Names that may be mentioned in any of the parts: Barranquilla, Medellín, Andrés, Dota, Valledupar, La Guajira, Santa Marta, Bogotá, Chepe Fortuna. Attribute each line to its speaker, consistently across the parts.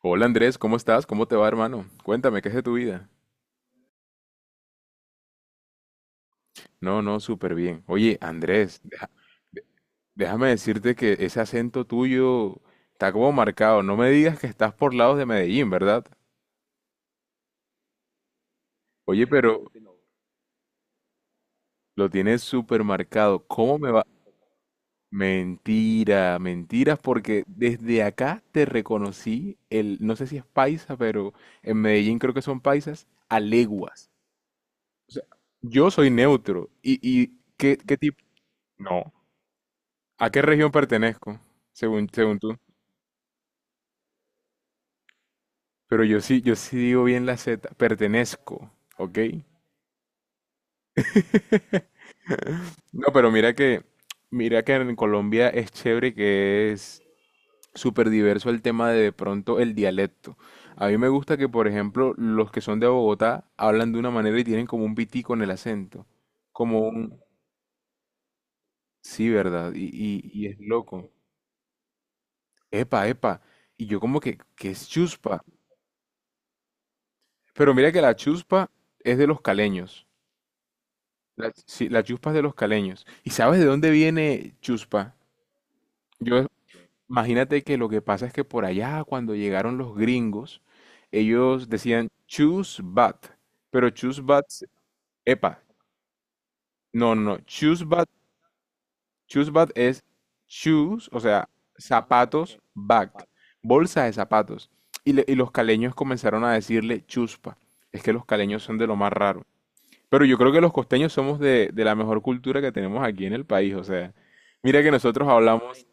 Speaker 1: Hola Andrés, ¿cómo estás? ¿Cómo te va, hermano? Cuéntame, ¿qué es de tu vida? No, no, súper bien. Oye, Andrés, de- déjame decirte que ese acento tuyo está como marcado. No me digas que estás por lados de Medellín, ¿verdad? Oye, pero lo tienes súper marcado. ¿Cómo me va? Mentira, mentiras, porque desde acá te reconocí el, no sé si es paisa, pero en Medellín creo que son paisas, a leguas. O sea, yo soy neutro. ¿Y, y qué tipo? No. ¿A qué región pertenezco? Según, según tú. Pero yo sí, yo sí digo bien la Z. Pertenezco, ¿ok? No, pero mira que en Colombia es chévere que es súper diverso el tema de pronto el dialecto. A mí me gusta que, por ejemplo, los que son de Bogotá hablan de una manera y tienen como un pitico en el acento. Como un... Sí, ¿verdad? Y es loco. Epa, epa. Y yo como que, ¿qué es chuspa? Pero mira que la chuspa es de los caleños. Las, sí, las chuspas de los caleños. ¿Y sabes de dónde viene chuspa? Yo, imagínate que lo que pasa es que por allá, cuando llegaron los gringos, ellos decían chusbat, pero chusbat, epa, no, chusbat, chusbat es shoes, o sea, zapatos, bat, bolsa de zapatos. Y los caleños comenzaron a decirle chuspa. Es que los caleños son de lo más raro. Pero yo creo que los costeños somos de la mejor cultura que tenemos aquí en el país. O sea, mira que nosotros hablamos,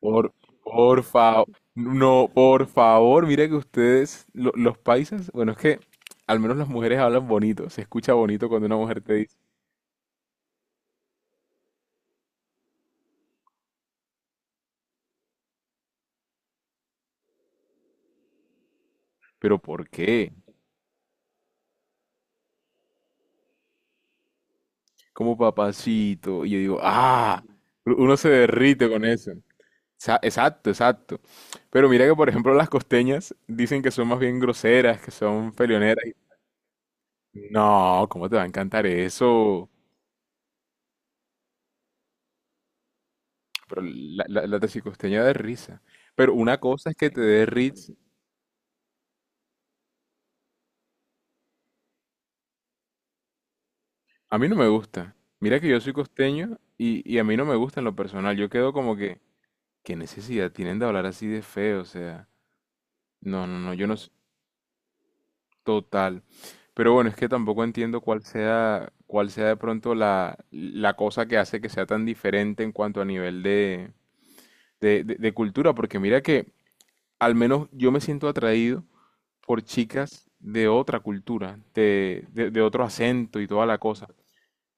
Speaker 1: por, por favor, no, por favor, mira que ustedes, los paisas, bueno, es que al menos las mujeres hablan bonito, se escucha bonito cuando una mujer te dice, pero ¿por qué? Como papacito. Y yo digo, ah, uno se derrite con eso. Exacto, exacto. Pero mira que, por ejemplo, las costeñas dicen que son más bien groseras, que son peleoneras. No, ¿cómo te va a encantar eso? Pero la taxicosteña da risa. Pero una cosa es que te dé risa. A mí no me gusta. Mira que yo soy costeño y a mí no me gusta en lo personal. Yo quedo como que, ¿qué necesidad tienen de hablar así de feo? O sea, no, yo no soy total. Pero bueno, es que tampoco entiendo cuál sea de pronto la cosa que hace que sea tan diferente en cuanto a nivel de cultura. Porque mira que al menos yo me siento atraído por chicas de otra cultura, de otro acento y toda la cosa.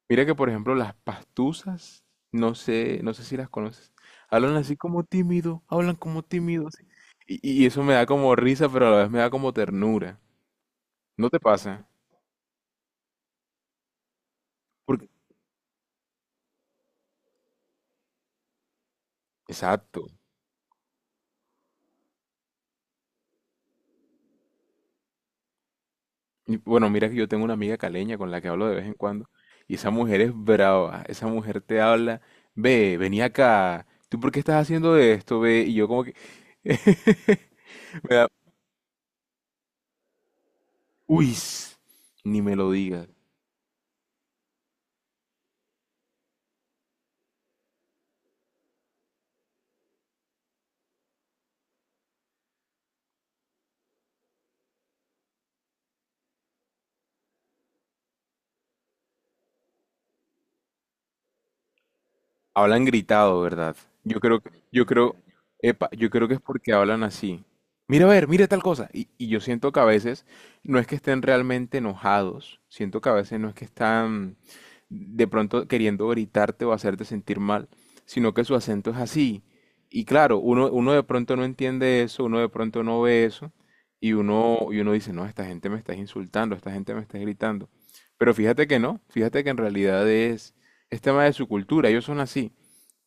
Speaker 1: Mira que, por ejemplo, las pastusas, no sé, no sé si las conoces, hablan así como tímido, hablan como tímido, así. Y eso me da como risa, pero a la vez me da como ternura. ¿No te pasa? Porque, exacto. Y, bueno, mira que yo tengo una amiga caleña con la que hablo de vez en cuando, y esa mujer es brava, esa mujer te habla, ve, vení acá, ¿tú por qué estás haciendo esto, ve? Y yo como que... Me da, uy, ni me lo digas. Hablan gritado, ¿verdad? Yo creo, epa, yo creo que es porque hablan así. Mira, a ver, mira tal cosa. Y yo siento que a veces no es que estén realmente enojados, siento que a veces no es que están de pronto queriendo gritarte o hacerte sentir mal, sino que su acento es así. Y claro, uno de pronto no entiende eso, uno de pronto no ve eso, y uno dice, no, esta gente me está insultando, esta gente me está gritando. Pero fíjate que no, fíjate que en realidad es tema de su cultura, ellos son así.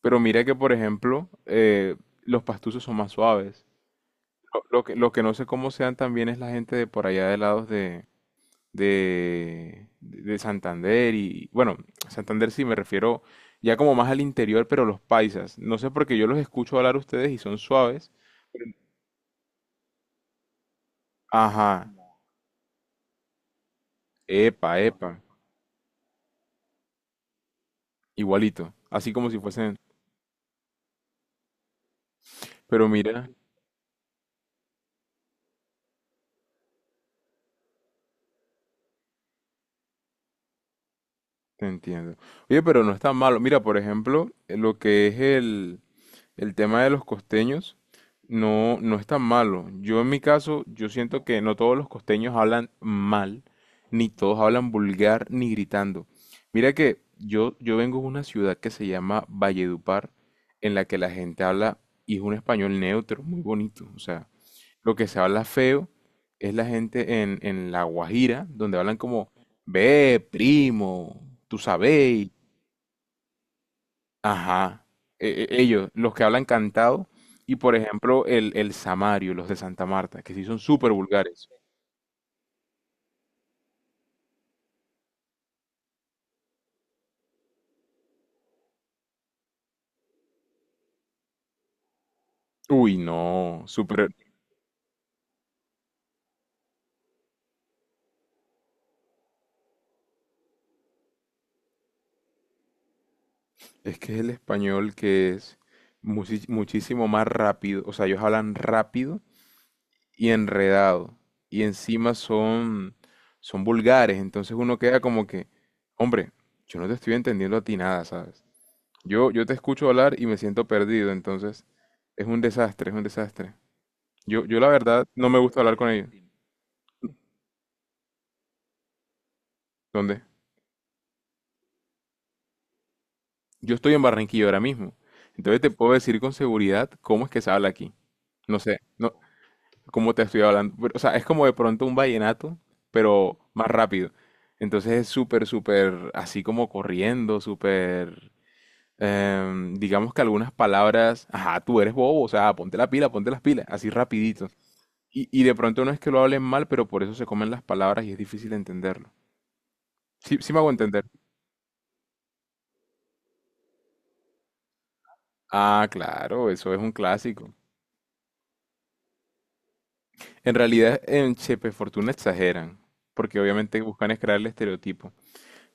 Speaker 1: Pero mira que, por ejemplo, los pastusos son más suaves. Lo que no sé cómo sean también es la gente de por allá de lados de Santander y, bueno, Santander sí me refiero ya como más al interior, pero los paisas. No sé porque yo los escucho hablar a ustedes y son suaves. Pero- Ajá, epa, epa, igualito, así como si fuesen. Pero mira, te entiendo. Oye, pero no es tan malo. Mira, por ejemplo, lo que es el tema de los costeños no, no es tan malo. Yo en mi caso, yo siento que no todos los costeños hablan mal, ni todos hablan vulgar, ni gritando. Mira que yo vengo de una ciudad que se llama Valledupar, en la que la gente habla y es un español neutro, muy bonito. O sea, lo que se habla feo es la gente en La Guajira, donde hablan como, ve, primo, tú sabes, ajá, ellos, los que hablan cantado, y por ejemplo el samario, los de Santa Marta, que sí son súper vulgares. Uy, no, súper... Es que es el español que es muchísimo más rápido, o sea, ellos hablan rápido y enredado, y encima son, son vulgares, entonces uno queda como que, hombre, yo no te estoy entendiendo a ti nada, ¿sabes? Yo te escucho hablar y me siento perdido, entonces es un desastre, es un desastre. Yo la verdad no me gusta hablar con ellos. ¿Dónde? Yo estoy en Barranquilla ahora mismo. Entonces te puedo decir con seguridad cómo es que se habla aquí. No sé, no, cómo te estoy hablando, pero, o sea, es como de pronto un vallenato, pero más rápido. Entonces es súper, súper así como corriendo, súper... digamos que algunas palabras, ajá, tú eres bobo, o sea, ponte la pila, ponte las pilas, así rapidito. Y de pronto no es que lo hablen mal, pero por eso se comen las palabras y es difícil entenderlo. Sí, sí me hago entender. Ah, claro, eso es un clásico. En realidad, en Chepe Fortuna exageran, porque obviamente buscan es crear el estereotipo,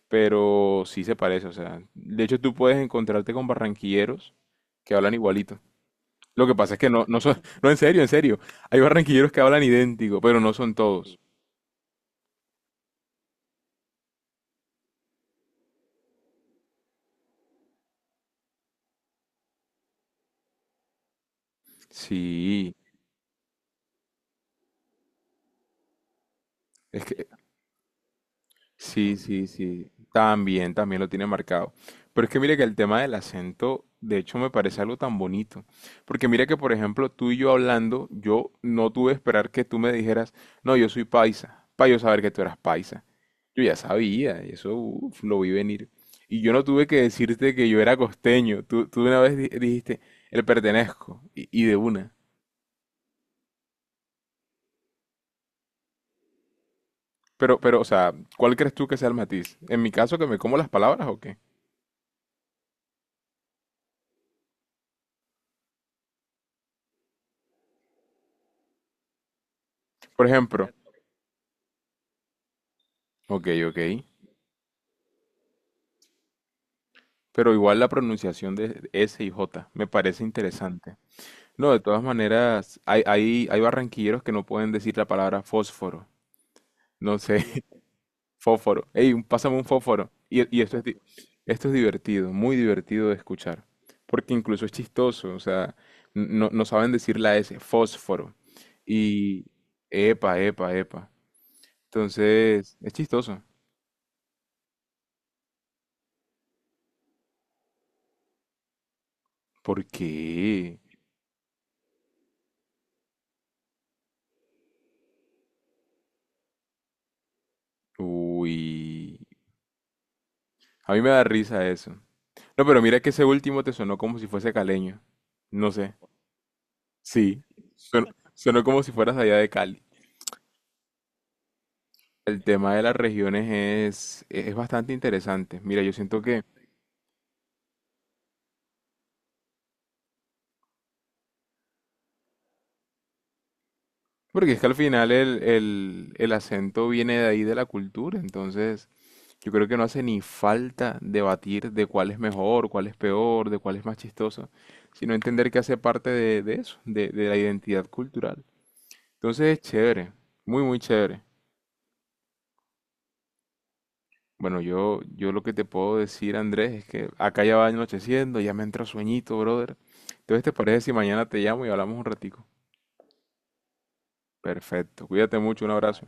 Speaker 1: pero sí se parece, o sea, de hecho tú puedes encontrarte con barranquilleros que hablan igualito. Lo que pasa es que no, no son, no, en serio, hay barranquilleros que hablan idéntico, pero no son todos. Sí, es que sí, sí, sí. También, también lo tiene marcado. Pero es que mire que el tema del acento, de hecho, me parece algo tan bonito. Porque mira que, por ejemplo, tú y yo hablando, yo no tuve que esperar que tú me dijeras, no, yo soy paisa, para yo saber que tú eras paisa. Yo ya sabía, y eso uf, lo vi venir. Y yo no tuve que decirte que yo era costeño. Tú, dijiste, el pertenezco, y de una. Pero, o sea, ¿cuál crees tú que sea el matiz? ¿En mi caso que me como las palabras o qué? Por ejemplo, ok, ok. Pero igual la pronunciación de S y J me parece interesante. No, de todas maneras, hay barranquilleros que no pueden decir la palabra fósforo. No sé, fósforo. Ey, pásame un fósforo. Y esto es, esto es divertido, muy divertido de escuchar. Porque incluso es chistoso, o sea, no saben decir la S, fósforo. Y epa, epa, epa. Entonces, es chistoso. ¿Por qué? Uy. A mí me da risa eso. No, pero mira que ese último te sonó como si fuese caleño. No sé. Sí. Sonó, como si fueras allá de Cali. El tema de las regiones es bastante interesante. Mira, yo siento que... Porque es que al final el acento viene de ahí de la cultura. Entonces, yo creo que no hace ni falta debatir de cuál es mejor, cuál es peor, de cuál es más chistoso. Sino entender que hace parte de eso, de la identidad cultural. Entonces es chévere. Muy, muy chévere. Bueno, yo lo que te puedo decir, Andrés, es que acá ya va anocheciendo, ya me entra sueñito, brother. Entonces, ¿te parece si mañana te llamo y hablamos un ratico? Perfecto, cuídate mucho, un abrazo.